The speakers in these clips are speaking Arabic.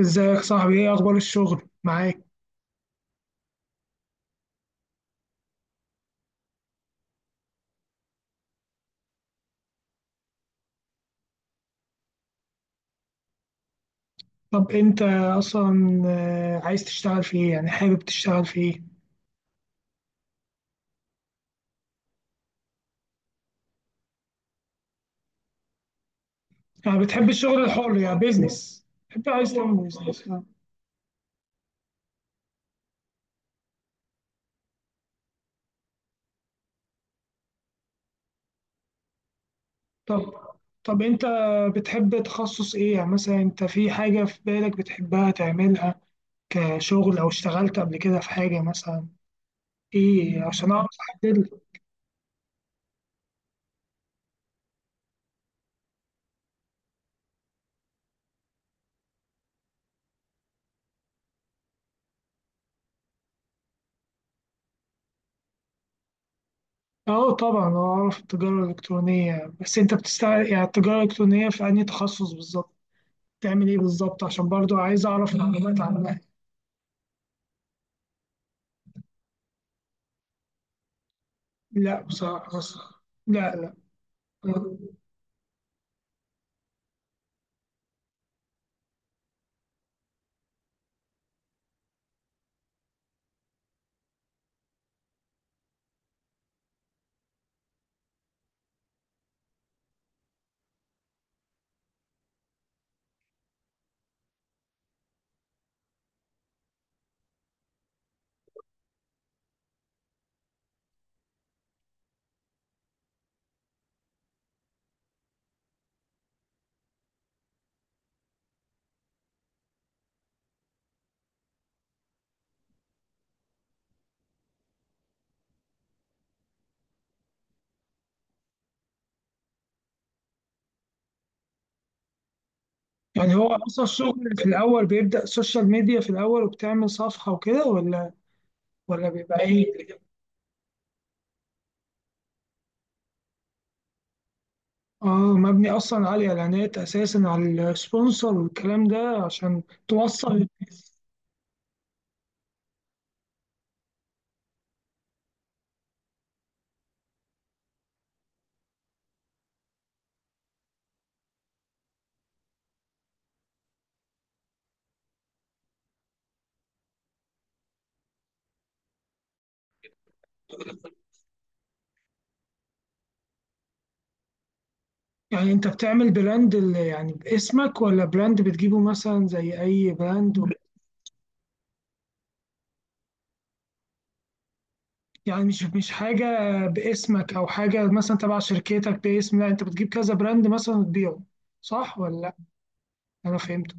ازيك صاحبي؟ ايه اخبار الشغل معاك؟ طب انت اصلا عايز تشتغل في ايه؟ يعني حابب تشتغل في ايه؟ يعني بتحب الشغل الحر، يعني بيزنس، بتحب عايز تعمل بيزنس طب انت بتحب تخصص ايه؟ يعني مثلا انت في حاجة في بالك بتحبها تعملها كشغل، او اشتغلت قبل كده في حاجة مثلا ايه، عشان اعرف احدد لك. اه طبعا اعرف التجارة الالكترونية، بس انت بتشتغل يعني التجارة الالكترونية في انهي تخصص بالظبط؟ بتعمل إيه بالظبط؟ عشان برضو عايز أعرف معلومات عنها. لا بصراحة. بس لا لا. يعني هو أصلا الشغل في الأول بيبدأ سوشيال ميديا في الأول وبتعمل صفحة وكده، ولا ولا بيبقى إيه؟ آه. مبني أصلا على الإعلانات، أساسا على السبونسر والكلام ده، عشان توصل للناس. يعني أنت بتعمل براند يعني باسمك، ولا براند بتجيبه مثلا زي أي براند؟ يعني مش حاجة باسمك أو حاجة مثلا تبع شركتك باسم، لا أنت بتجيب كذا براند مثلا وتبيعه، صح ولا لأ؟ أنا فهمت.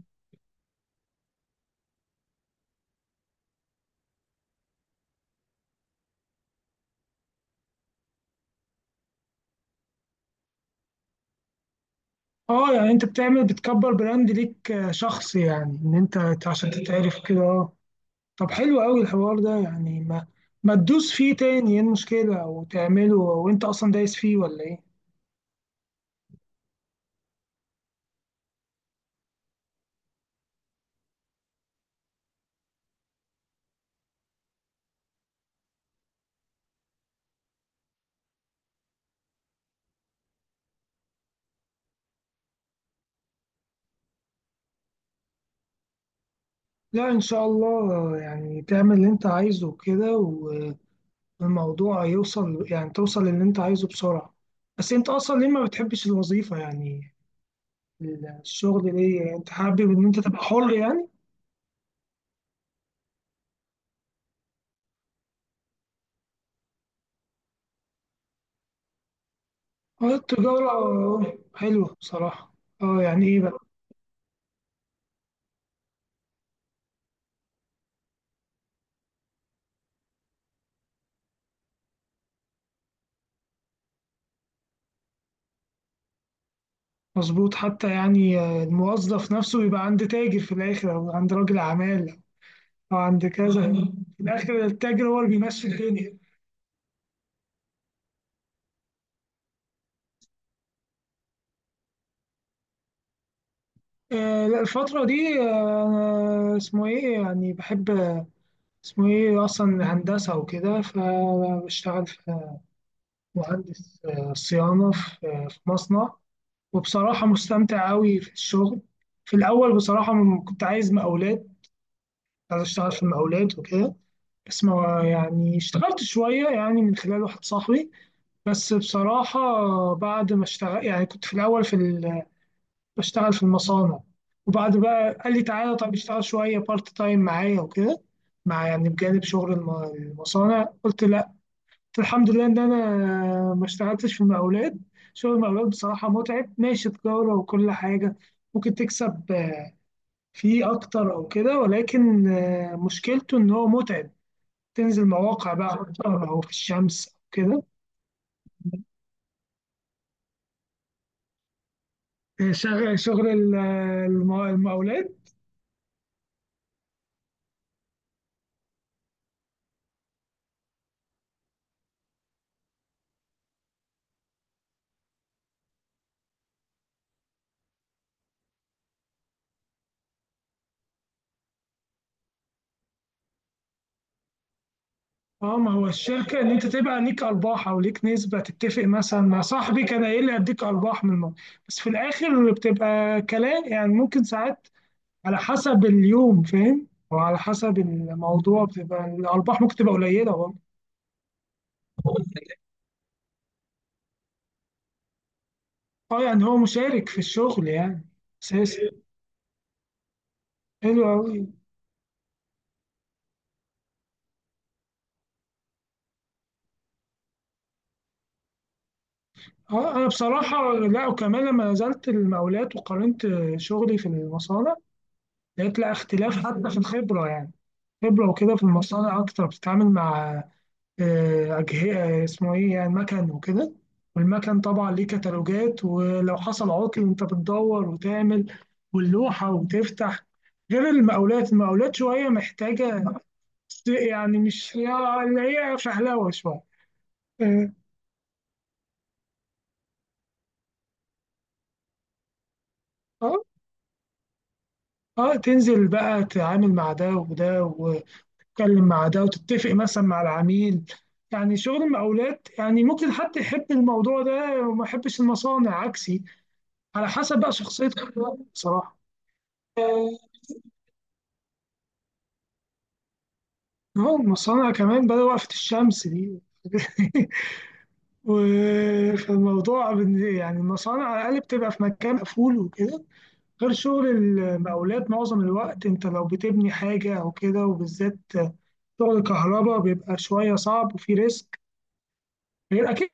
أه، يعني أنت بتعمل بتكبر براند ليك، شخص، يعني إن أنت عشان تتعرف كده. أه، طب حلو أوي الحوار ده. يعني ما تدوس فيه تاني؟ إيه المشكلة؟ وتعمله، وأنت أصلا دايس فيه، ولا إيه؟ لا إن شاء الله، يعني تعمل اللي أنت عايزه كده. الموضوع يوصل، يعني توصل للي انت عايزه بسرعة. بس انت اصلا ليه ما بتحبش الوظيفة؟ يعني الشغل، ليه يعني انت حابب ان انت تبقى حر يعني؟ اه التجارة حلوة بصراحة. اه، يعني ايه بقى؟ مظبوط. حتى يعني الموظف نفسه يبقى عند تاجر في الاخر، او عند راجل اعمال، او عند كذا. في الاخر التاجر هو اللي بيمشي الدنيا. آه لا، الفترة دي آه، أنا اسمه ايه يعني بحب، اسمه ايه اصلا، هندسة وكده، فبشتغل في، مهندس صيانة في، في مصنع، وبصراحة مستمتع قوي في الشغل. في الأول بصراحة كنت عايز مقاولات، عايز أشتغل في المقاولات وكده، بس ما يعني اشتغلت شوية يعني من خلال واحد صاحبي. بس بصراحة بعد ما اشتغل، يعني كنت في الأول بشتغل في المصانع، وبعد بقى قال لي تعالى طب اشتغل شوية بارت تايم معايا وكده، مع يعني بجانب شغل المصانع، قلت لا. الحمد لله ان انا ما اشتغلتش في المقاولات. شغل المقاولات بصراحه متعب. ماشي تجاره وكل حاجه ممكن تكسب فيه اكتر او كده، ولكن مشكلته ان هو متعب، تنزل مواقع بقى اكتر، او في الشمس او كده. شغل المقاولات. اه ما هو الشركه ان انت تبقى ليك ارباح، او ليك نسبه تتفق، مثلا مع صاحبي كان قايل لي اديك ارباح من الموضوع، بس في الاخر بتبقى كلام، يعني ممكن ساعات على حسب اليوم فاهم، وعلى حسب الموضوع بتبقى الأرباح ممكن تبقى قليلة برضه. اه يعني هو مشارك في الشغل، يعني أساسي. حلو أوي. اه أنا بصراحة لا، وكمان لما نزلت المقاولات وقارنت شغلي في المصانع، لقيت لا اختلاف حتى في الخبرة. يعني خبرة وكده في المصانع أكتر، بتتعامل مع أجهزة، اسمه إيه يعني، مكن وكده، والمكن طبعا ليه كتالوجات، ولو حصل عطل أنت بتدور وتعمل واللوحة وتفتح. غير المقاولات. المقاولات شوية محتاجة يعني، مش اللي هي فهلوة شوية. آه آه تنزل بقى تتعامل مع ده وده، وتتكلم مع ده، وتتفق مثلا مع العميل. يعني شغل المقاولات يعني ممكن حد يحب الموضوع ده وما يحبش المصانع، عكسي، على حسب بقى شخصية كل واحد بصراحة. اه المصانع كمان بدأ وقفة الشمس دي فالموضوع يعني المصانع على الأقل بتبقى في مكان مقفول وكده، غير شغل المقاولات معظم الوقت أنت لو بتبني حاجة أو كده، وبالذات شغل الكهرباء بيبقى شوية صعب وفي ريسك. غير أكيد،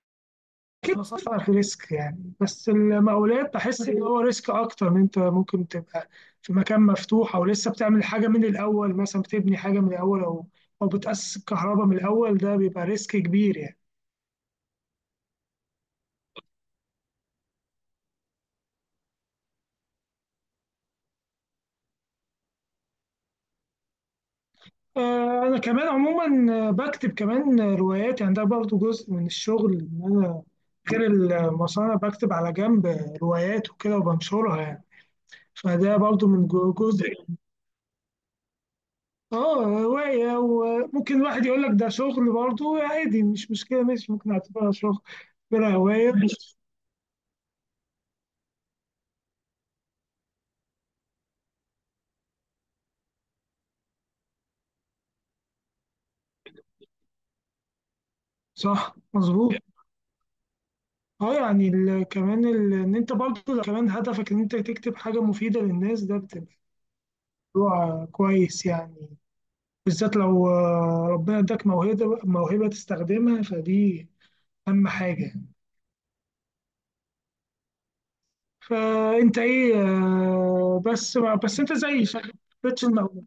اكيد طبعا في ريسك يعني، بس المقاولات بحس ان هو ريسك اكتر، ان انت ممكن تبقى في مكان مفتوح، او لسه بتعمل حاجه من الاول، مثلا بتبني حاجه من الاول، او او بتاسس الكهرباء من الاول، ده بيبقى ريسك كبير يعني. انا كمان عموما بكتب كمان روايات، يعني ده برضو جزء من الشغل، ان انا غير المصانع بكتب على جنب روايات وكده وبنشرها يعني، فده برضو من جزء. اه هواية، وممكن واحد يقول لك ده شغل برضه، عادي مش مشكلة، ماشي ممكن اعتبرها شغل، اعتبرها هواية. صح مظبوط. اه يعني كمان ان انت برضه لو كمان هدفك ان انت تكتب حاجة مفيدة للناس، ده بتبقى موضوع كويس يعني. بالذات لو ربنا اداك موهبة، موهبة تستخدمها فدي اهم حاجة. فانت ايه بس انت زي شغال بتش الموهبة.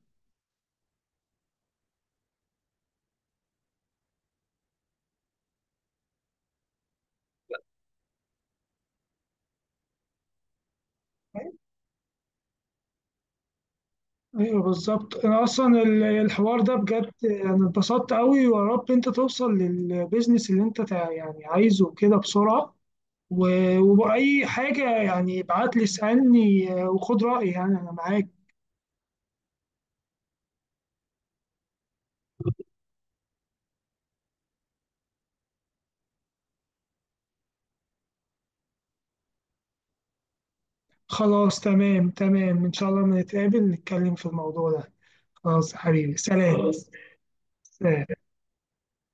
ايوه بالظبط. انا اصلا الحوار ده بجد انا اتبسطت قوي. ويا رب انت توصل للبيزنس اللي انت يعني عايزه كده بسرعه. وبأي حاجه يعني ابعت لي اسالني وخد رايي، يعني انا معاك. خلاص تمام تمام، ان شاء الله لما نتقابل نتكلم في الموضوع ده. خلاص يا حبيبي، سلام خلاص. سلام.